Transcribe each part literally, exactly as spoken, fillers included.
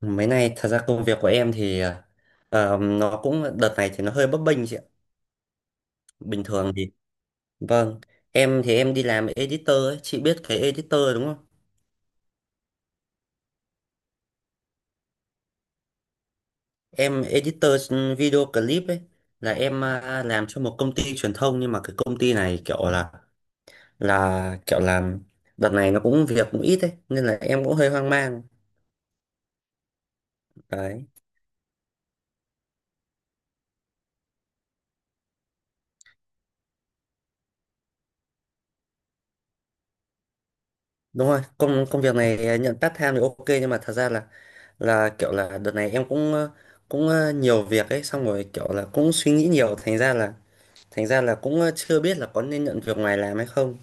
Mấy nay thật ra công việc của em thì ờ, nó cũng đợt này thì nó hơi bấp bênh chị ạ. Bình thường thì vâng, em thì em đi làm editor ấy, chị biết cái editor đúng không? Em editor video clip ấy, là em à, làm cho một công ty truyền thông, nhưng mà cái công ty này kiểu là là kiểu làm đợt này nó cũng việc cũng ít ấy, nên là em cũng hơi hoang mang. Đấy. Đúng rồi, công công việc này nhận part time thì ok, nhưng mà thật ra là là kiểu là đợt này em cũng ờ, cũng ờ, nhiều việc ấy, xong rồi kiểu là cũng suy nghĩ nhiều, thành ra là thành ra là cũng ờ, chưa biết là có nên nhận việc ngoài làm hay không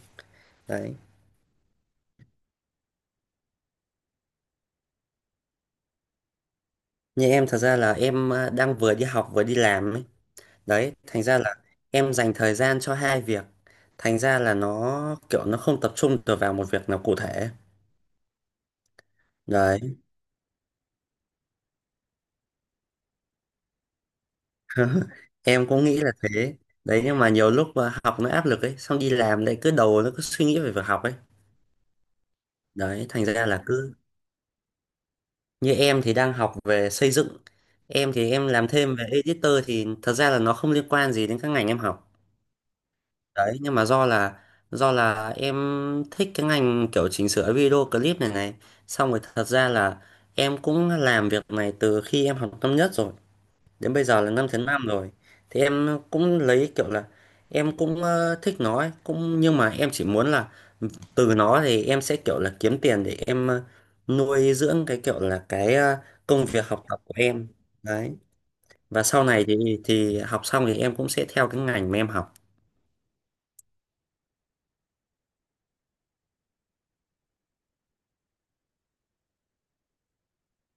đấy. Như em thật ra là em ờ, đang vừa đi học vừa đi làm ấy, đấy thành ra là em dành thời gian cho hai việc, thành ra là nó kiểu nó không tập trung được vào một việc nào cụ thể đấy. Em cũng nghĩ là thế đấy, nhưng mà nhiều lúc ờ, học nó áp lực ấy, xong đi làm lại cứ đầu nó cứ suy nghĩ về việc học ấy, đấy thành ra là cứ. Như em thì đang học về xây dựng, em thì em làm thêm về editor thì thật ra là nó không liên quan gì đến các ngành em học. Đấy, nhưng mà do là do là em thích cái ngành kiểu chỉnh sửa video clip này này, xong rồi thật ra là em cũng làm việc này từ khi em học năm nhất rồi. Đến bây giờ là 5 năm rồi. Thì em cũng lấy kiểu là em cũng ờ, thích nó ấy, cũng nhưng mà em chỉ muốn là từ nó thì em sẽ kiểu là kiếm tiền để em ờ, nuôi dưỡng cái kiểu là cái ờ, công việc học tập của em. Đấy. Và sau này thì thì học xong thì em cũng sẽ theo cái ngành mà em học.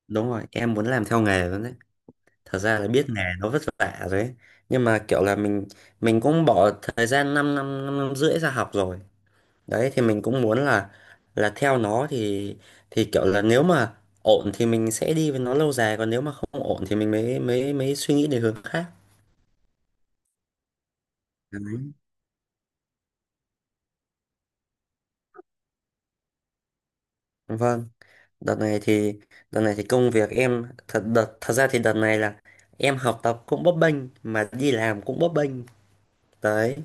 Đúng rồi, em muốn làm theo nghề luôn đấy. Thật ra là biết nghề nó vất vả rồi ấy. Nhưng mà kiểu là mình mình cũng bỏ thời gian 5 năm, năm năm rưỡi ra học rồi, đấy thì mình cũng muốn là là theo nó thì thì kiểu là nếu mà ổn thì mình sẽ đi với nó lâu dài, còn nếu mà không ổn thì mình mới mới mới suy nghĩ đến hướng khác. Đấy. Vâng, đợt này thì đợt này thì công việc em thật đợt thật ra thì đợt này là em học tập cũng bấp bênh, mà đi làm cũng bấp bênh đấy.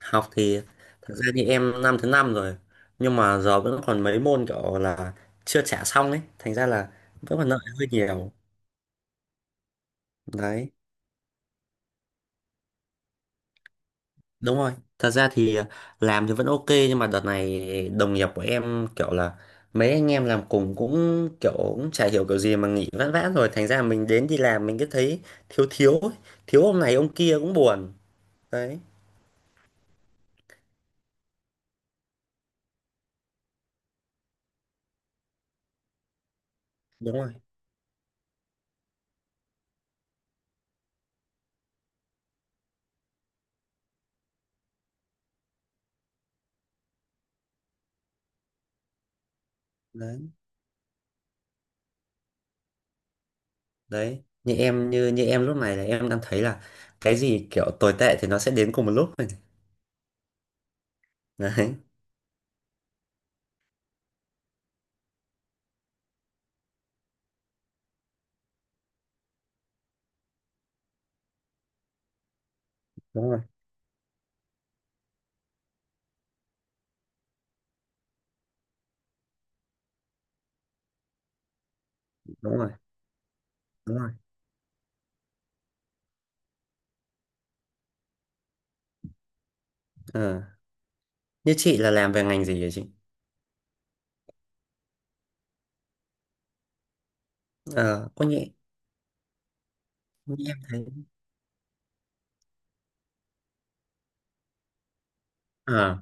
Học thì thật ra thì em năm thứ năm rồi, nhưng mà giờ vẫn còn mấy môn kiểu là chưa trả xong ấy, thành ra là vẫn còn nợ hơi nhiều đấy. Đúng rồi, thật ra thì ờ, làm thì vẫn ok, nhưng mà đợt này đồng nghiệp của em kiểu là mấy anh em làm cùng cũng kiểu cũng chả hiểu kiểu gì mà nghỉ vãn vãn rồi, thành ra mình đến đi làm mình cứ thấy thiếu thiếu ấy. Thiếu ông này ông kia cũng buồn. Đấy, đúng rồi. Đấy, đấy. Như em như như em lúc này là em đang thấy là cái gì kiểu tồi tệ thì nó sẽ đến cùng một lúc rồi này. Đấy, đúng rồi, đúng rồi, đúng rồi. Ờ. Như chị là làm về ngành gì vậy chị? Ờ, có nhẹ, như em thấy. Ờ.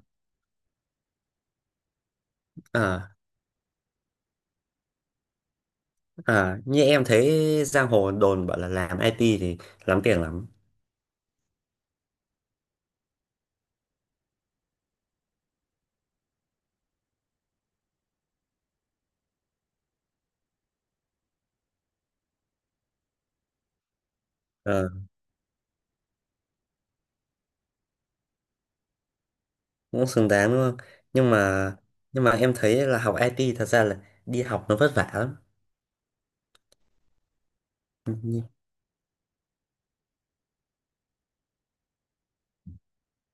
Ờ. À, như em thấy giang hồ đồn bảo là làm i tê thì lắm tiền lắm. Ờ, cũng xứng đáng đúng không? Nhưng mà nhưng mà em thấy là học i tê thật ra là đi học nó vất vả lắm. Ừ, như-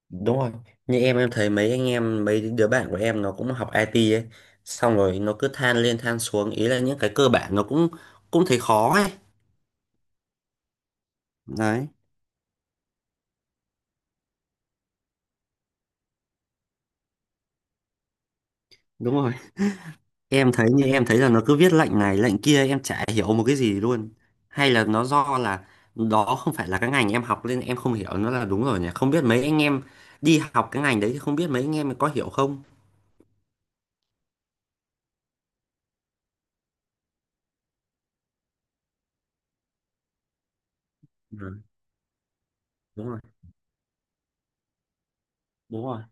đúng rồi. Như em em thấy mấy anh em mấy đứa bạn của em nó cũng học i tê ấy, xong rồi nó cứ than lên than xuống, ý là những cái cơ bản nó cũng cũng thấy khó ấy. Đấy, đúng rồi. Em thấy như em thấy là nó cứ viết lệnh này lệnh kia em chả hiểu một cái gì luôn, hay là nó do là đó không phải là cái ngành em học nên em không hiểu nó, là đúng rồi nhỉ, không biết mấy anh em đi học cái ngành đấy thì không biết mấy anh em có hiểu không. Ừ, đúng rồi, đúng rồi,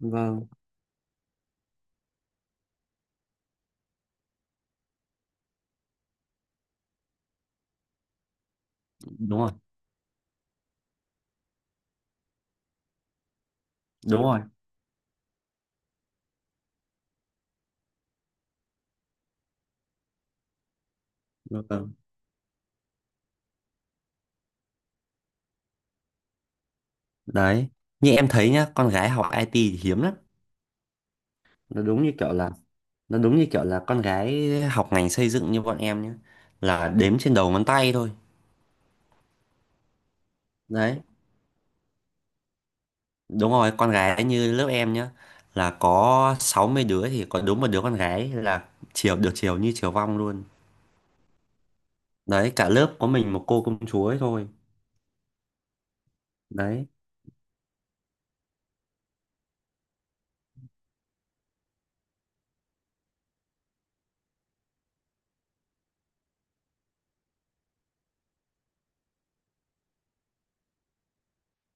vâng, đúng rồi, đúng rồi, vâng. Đấy, như em thấy nhá, con gái học ai ti thì hiếm lắm. nó đúng như kiểu là nó đúng như kiểu là con gái học ngành xây dựng như bọn em nhá, là đếm trên đầu ngón tay thôi đấy. Đúng rồi, con gái như lớp em nhá là có sáu mươi đứa thì có đúng một đứa con gái, là chiều được, chiều như chiều vong luôn. Đấy, cả lớp có mình một cô công chúa ấy thôi. Đấy,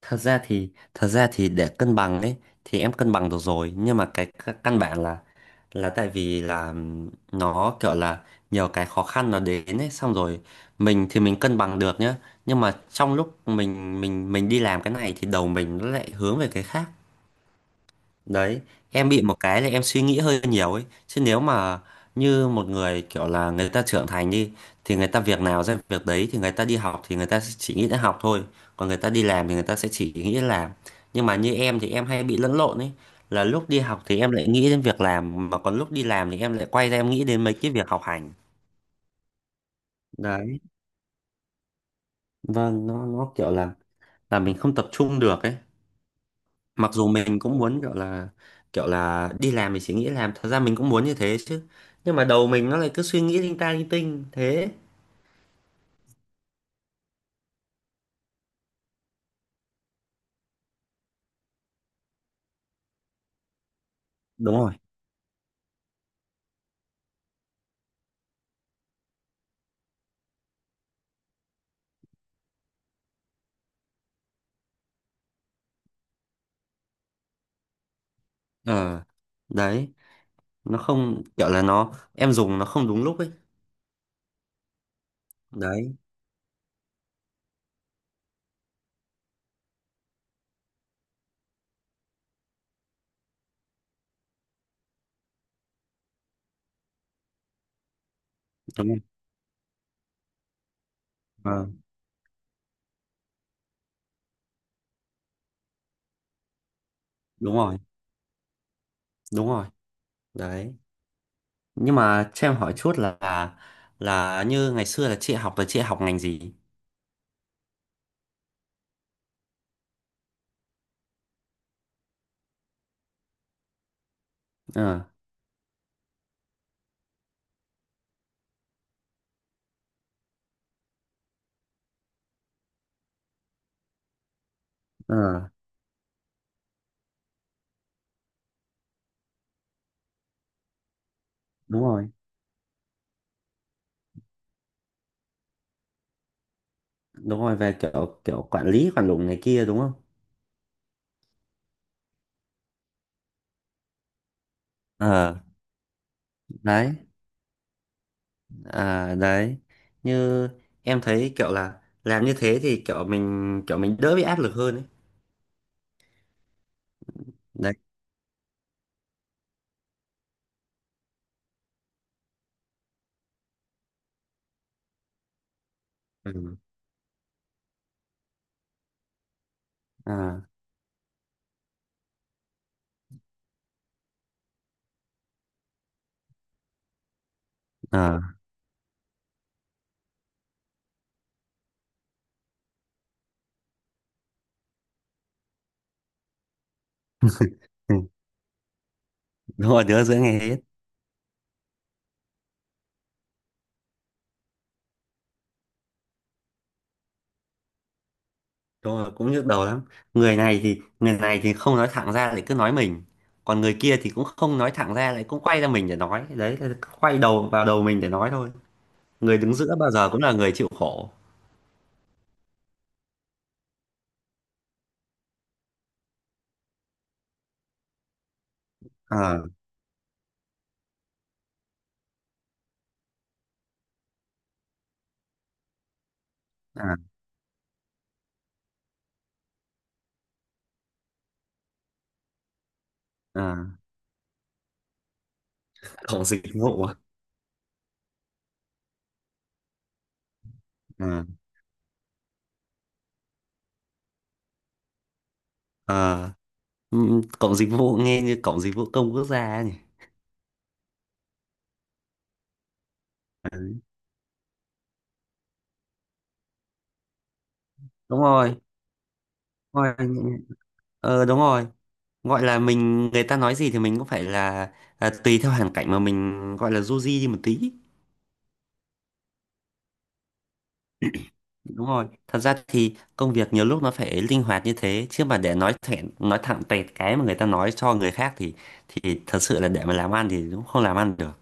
thật ra thì thật ra thì để cân bằng ấy thì em cân bằng được rồi, nhưng mà cái c- căn bản là là tại vì là ừm, nó kiểu là nhiều cái khó khăn nó đến ấy, xong rồi mình thì mình cân bằng được nhá, nhưng mà trong lúc mình mình mình đi làm cái này thì đầu mình nó lại hướng về cái khác. Đấy, em bị một cái là em suy nghĩ hơi nhiều ấy. Chứ nếu mà như một người kiểu là người ta trưởng thành đi, thì người ta việc nào ra việc đấy, thì người ta đi học thì người ta sẽ chỉ nghĩ đến học thôi. Còn người ta đi làm thì người ta sẽ chỉ nghĩ đến làm. Nhưng mà như em thì em hay bị lẫn lộn ấy. Là lúc đi học thì em lại nghĩ đến việc làm, mà còn lúc đi làm thì em lại quay ra em nghĩ đến mấy cái việc học hành. Đấy, vâng, nó, nó kiểu là là mình không tập trung được ấy. Mặc dù mình cũng muốn kiểu là kiểu là đi làm thì chỉ nghĩ làm, thật ra mình cũng muốn như thế chứ, nhưng mà đầu mình nó lại cứ suy nghĩ linh ta linh tinh thế. Đúng rồi. Ờ. Đấy, nó không kiểu là nó em dùng nó không đúng lúc ấy đấy. Đúng không? Ờ. Đúng rồi, đúng rồi. Đấy, nhưng mà cho em hỏi chút là là như ngày xưa là chị học, là chị học ngành gì? Ờ. Ờ, đúng rồi, đúng rồi, về kiểu kiểu quản lý quản lùng này kia đúng không. Ờ. Đấy. À đấy, như em thấy kiểu là làm như thế thì kiểu mình kiểu mình đỡ bị áp lực hơn ấy. Đấy. Ừ. À, à. Ừ. Đúng rồi, đứa giữa ngày hết. Đúng rồi, cũng nhức đầu lắm. Người này thì người này thì không nói thẳng ra lại cứ nói mình. Còn người kia thì cũng không nói thẳng ra lại cũng quay ra mình để nói. Đấy là cứ quay đầu vào đầu mình để nói thôi. Người đứng giữa bao giờ cũng là người chịu khổ. À, à, à. Cổng dịch vụ. À, à. Ờ. Ừ, cổng dịch vụ nghe như cổng dịch vụ công quốc gia ấy nhỉ. Đúng rồi. Ngoài ờ, đúng rồi, gọi là mình, người ta nói gì thì mình cũng phải là, à, tùy theo hoàn cảnh mà mình gọi là du di đi một tí. Đúng rồi, thật ra thì công việc nhiều lúc nó phải linh hoạt như thế chứ, mà để nói thẳng nói thẳng tẹt cái mà người ta nói cho người khác thì thì thật sự là để mà làm ăn thì cũng không làm ăn được.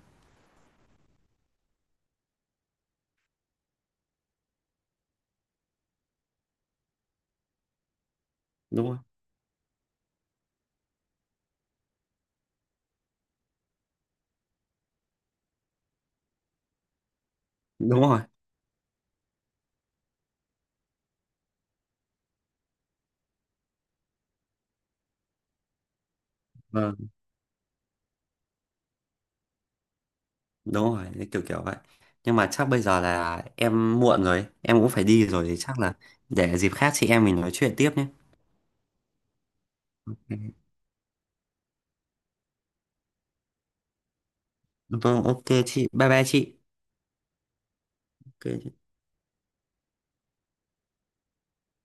Đúng rồi, đúng rồi, vâng, đúng rồi, cái kiểu kiểu vậy. Nhưng mà chắc bây giờ là em muộn rồi, em cũng phải đi rồi thì chắc là để dịp khác chị em mình nói chuyện tiếp nhé. Vâng, ok chị, bye bye chị. Cái.